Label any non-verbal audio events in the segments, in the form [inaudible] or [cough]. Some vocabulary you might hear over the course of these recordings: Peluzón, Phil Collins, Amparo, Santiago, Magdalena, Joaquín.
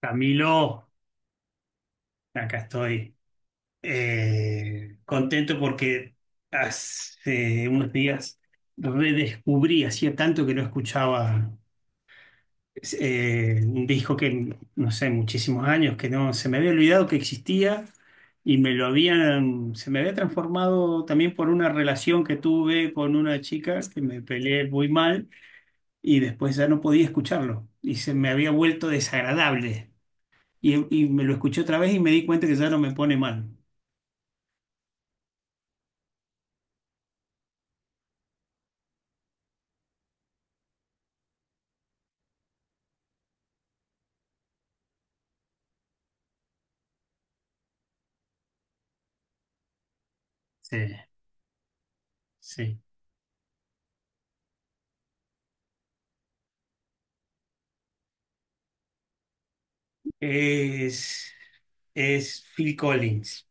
Camilo, acá estoy. Contento porque hace unos días redescubrí, hacía tanto que no escuchaba un disco que, no sé, muchísimos años, que no, se me había olvidado que existía y me lo habían, se me había transformado también por una relación que tuve con una chica que me peleé muy mal y después ya no podía escucharlo y se me había vuelto desagradable. Y me lo escuché otra vez y me di cuenta que ya no me pone mal. Sí, sí. Es, es Phil Collins.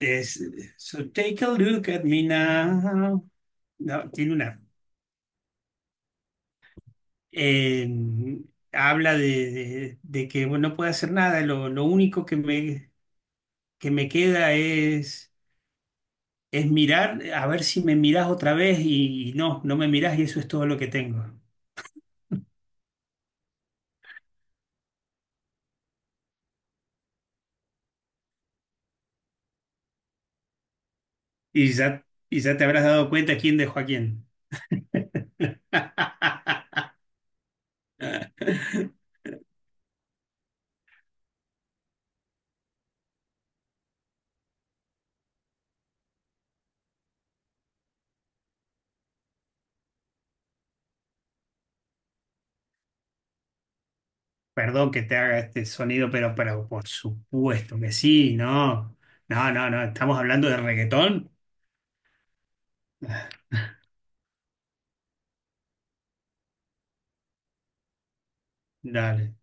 Es, so take a look at me now. No, tiene una. eh, Habla de, de que bueno, no puedo hacer nada. Lo único que me queda es mirar, a ver si me mirás otra vez y, no me mirás y eso es todo lo que tengo. Y ya te habrás dado cuenta quién dejó a quién. [laughs] Perdón que te haga este sonido, pero por supuesto que sí, no. No, no, no, estamos hablando de reggaetón. Dale.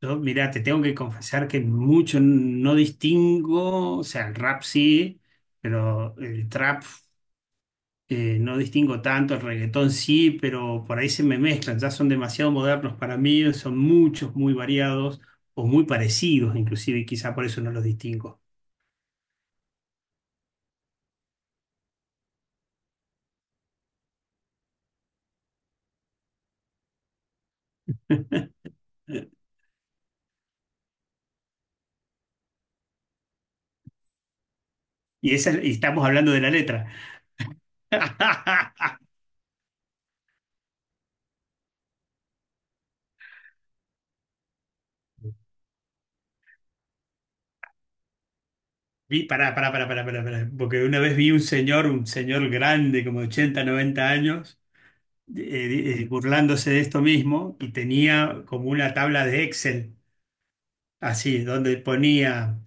Yo, mira, te tengo que confesar que mucho no distingo, o sea, el rap sí, pero el trap no distingo tanto, el reggaetón sí, pero por ahí se me mezclan, ya son demasiado modernos para mí, son muchos, muy variados o muy parecidos inclusive, y quizá por eso no los distingo. [laughs] Y, esa, y estamos hablando de la letra. [laughs] Vi, pará, pará, pará, pará, pará, pará, porque una vez vi un señor grande, como de 80, 90 años, burlándose de esto mismo y tenía como una tabla de Excel, así, donde ponía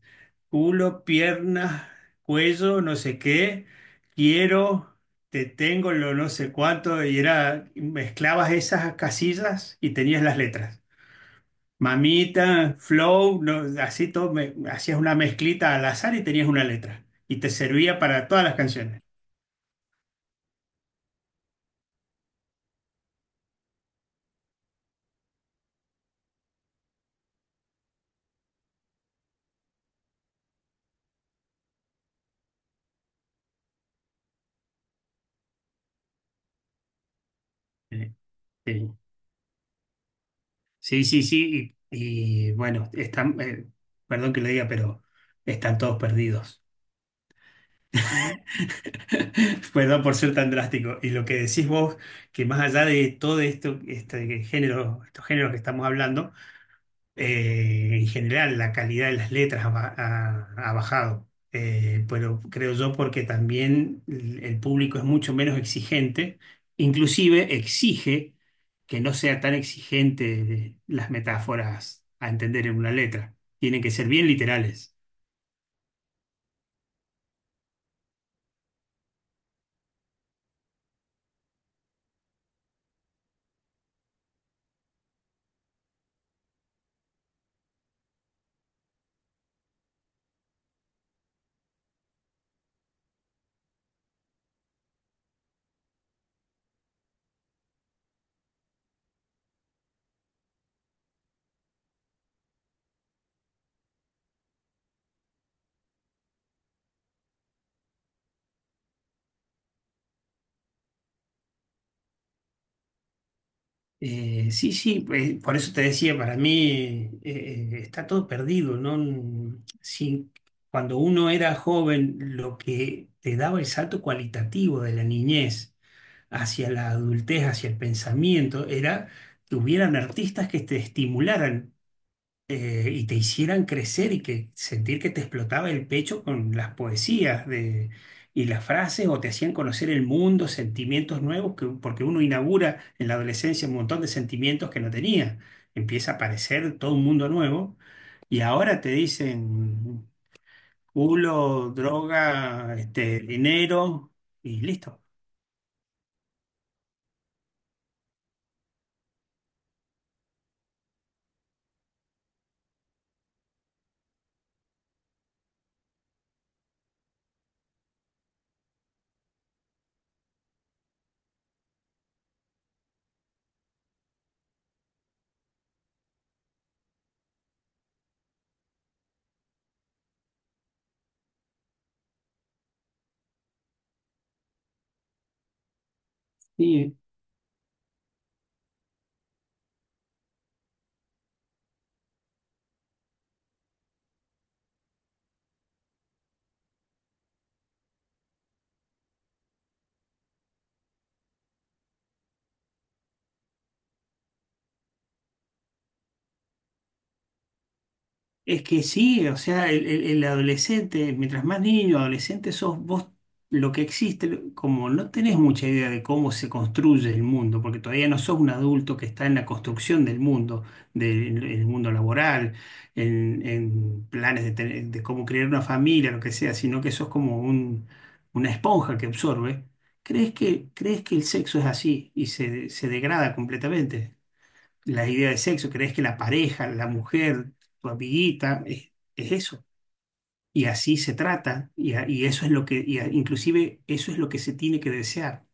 culo, piernas, cuello, no sé qué, quiero, te tengo, lo no sé cuánto, y era, mezclabas esas casillas y tenías las letras. Mamita, Flow, no, así todo, hacías una mezclita al azar y tenías una letra. Y te servía para todas las canciones. Eh, Sí, sí, sí, sí. Bueno, están, perdón que lo diga, pero están todos perdidos. [laughs] Perdón por ser tan drástico. Y lo que decís vos, que más allá de todo esto, este género, estos géneros que estamos hablando, en general, la calidad de las letras ha bajado. Pero creo yo porque también el público es mucho menos exigente, inclusive exige que no sea tan exigente de las metáforas a entender en una letra, tienen que ser bien literales. Sí, sí, por eso te decía, para mí está todo perdido, ¿no? Sí, cuando uno era joven, lo que te daba el salto cualitativo de la niñez hacia la adultez, hacia el pensamiento, era que hubieran artistas que te estimularan y te hicieran crecer y que sentir que te explotaba el pecho con las poesías de, y las frases o te hacían conocer el mundo, sentimientos nuevos, que- porque uno inaugura en la adolescencia un montón de sentimientos que no tenía. Empieza a aparecer todo un mundo nuevo y ahora te dicen culo, droga, este, dinero y listo. Es que sí, o sea, el adolescente, mientras más niño, adolescente sos vos, lo que existe, lo- como no tenés mucha idea de cómo se construye el mundo, porque todavía no sos un adulto que está en la construcción del mundo, del el mundo laboral, en planes de, tener- de cómo crear una familia, lo que sea, sino que sos como un, una esponja que absorbe, crees que el sexo es así y se degrada completamente la idea de sexo, crees que la pareja, la mujer, tu amiguita, es eso. Y así se trata, y, a- y eso es lo que, y a- inclusive eso es lo que se tiene que desear.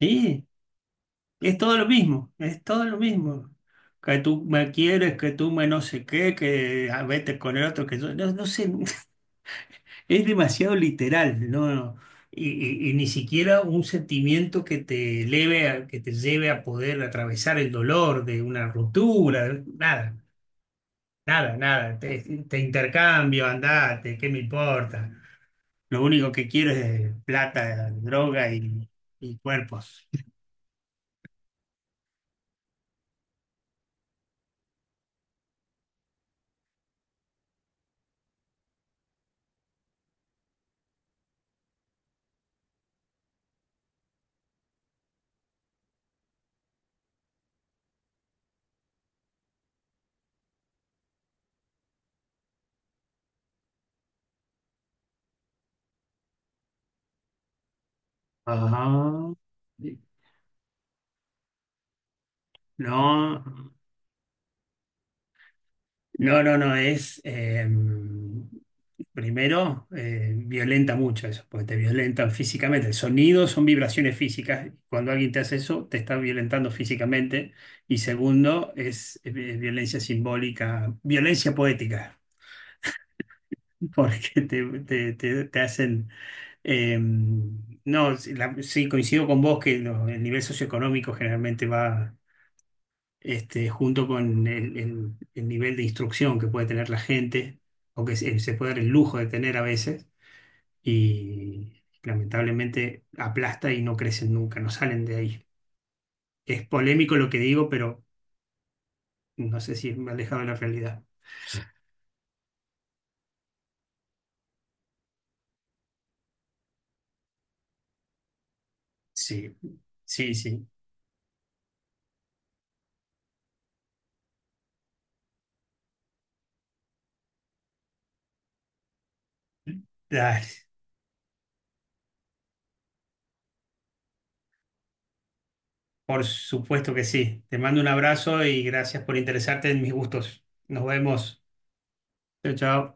Sí, es todo lo mismo, es todo lo mismo. Que tú me quieres, que tú me no sé qué, que ah, vete con el otro, que yo, no, no sé. [laughs] Es demasiado literal, ¿no? Y, y ni siquiera un sentimiento que te eleve que te lleve a poder atravesar el dolor de una ruptura, nada. Nada, nada, te intercambio, andate, ¿qué me importa? Lo único que quiero es plata, droga y cuerpos. Ajá. No, no, no, no, es, primero, violenta mucho eso, porque te violentan físicamente. El sonido son vibraciones físicas. Cuando alguien te hace eso, te está violentando físicamente. Y segundo, es, violencia simbólica, violencia poética. Porque te, te hacen... eh, no, sí, la- sí, coincido con vos que lo- el nivel socioeconómico generalmente va este, junto con el, el nivel de instrucción que puede tener la gente o que se puede dar el lujo de tener a veces y lamentablemente aplasta y no crecen nunca, no salen de ahí. Es polémico lo que digo, pero no sé si me ha alejado de la realidad. Sí, sí, sí. Dale. Por supuesto que sí. Te mando un abrazo y gracias por interesarte en mis gustos. Nos vemos. Chao, chao.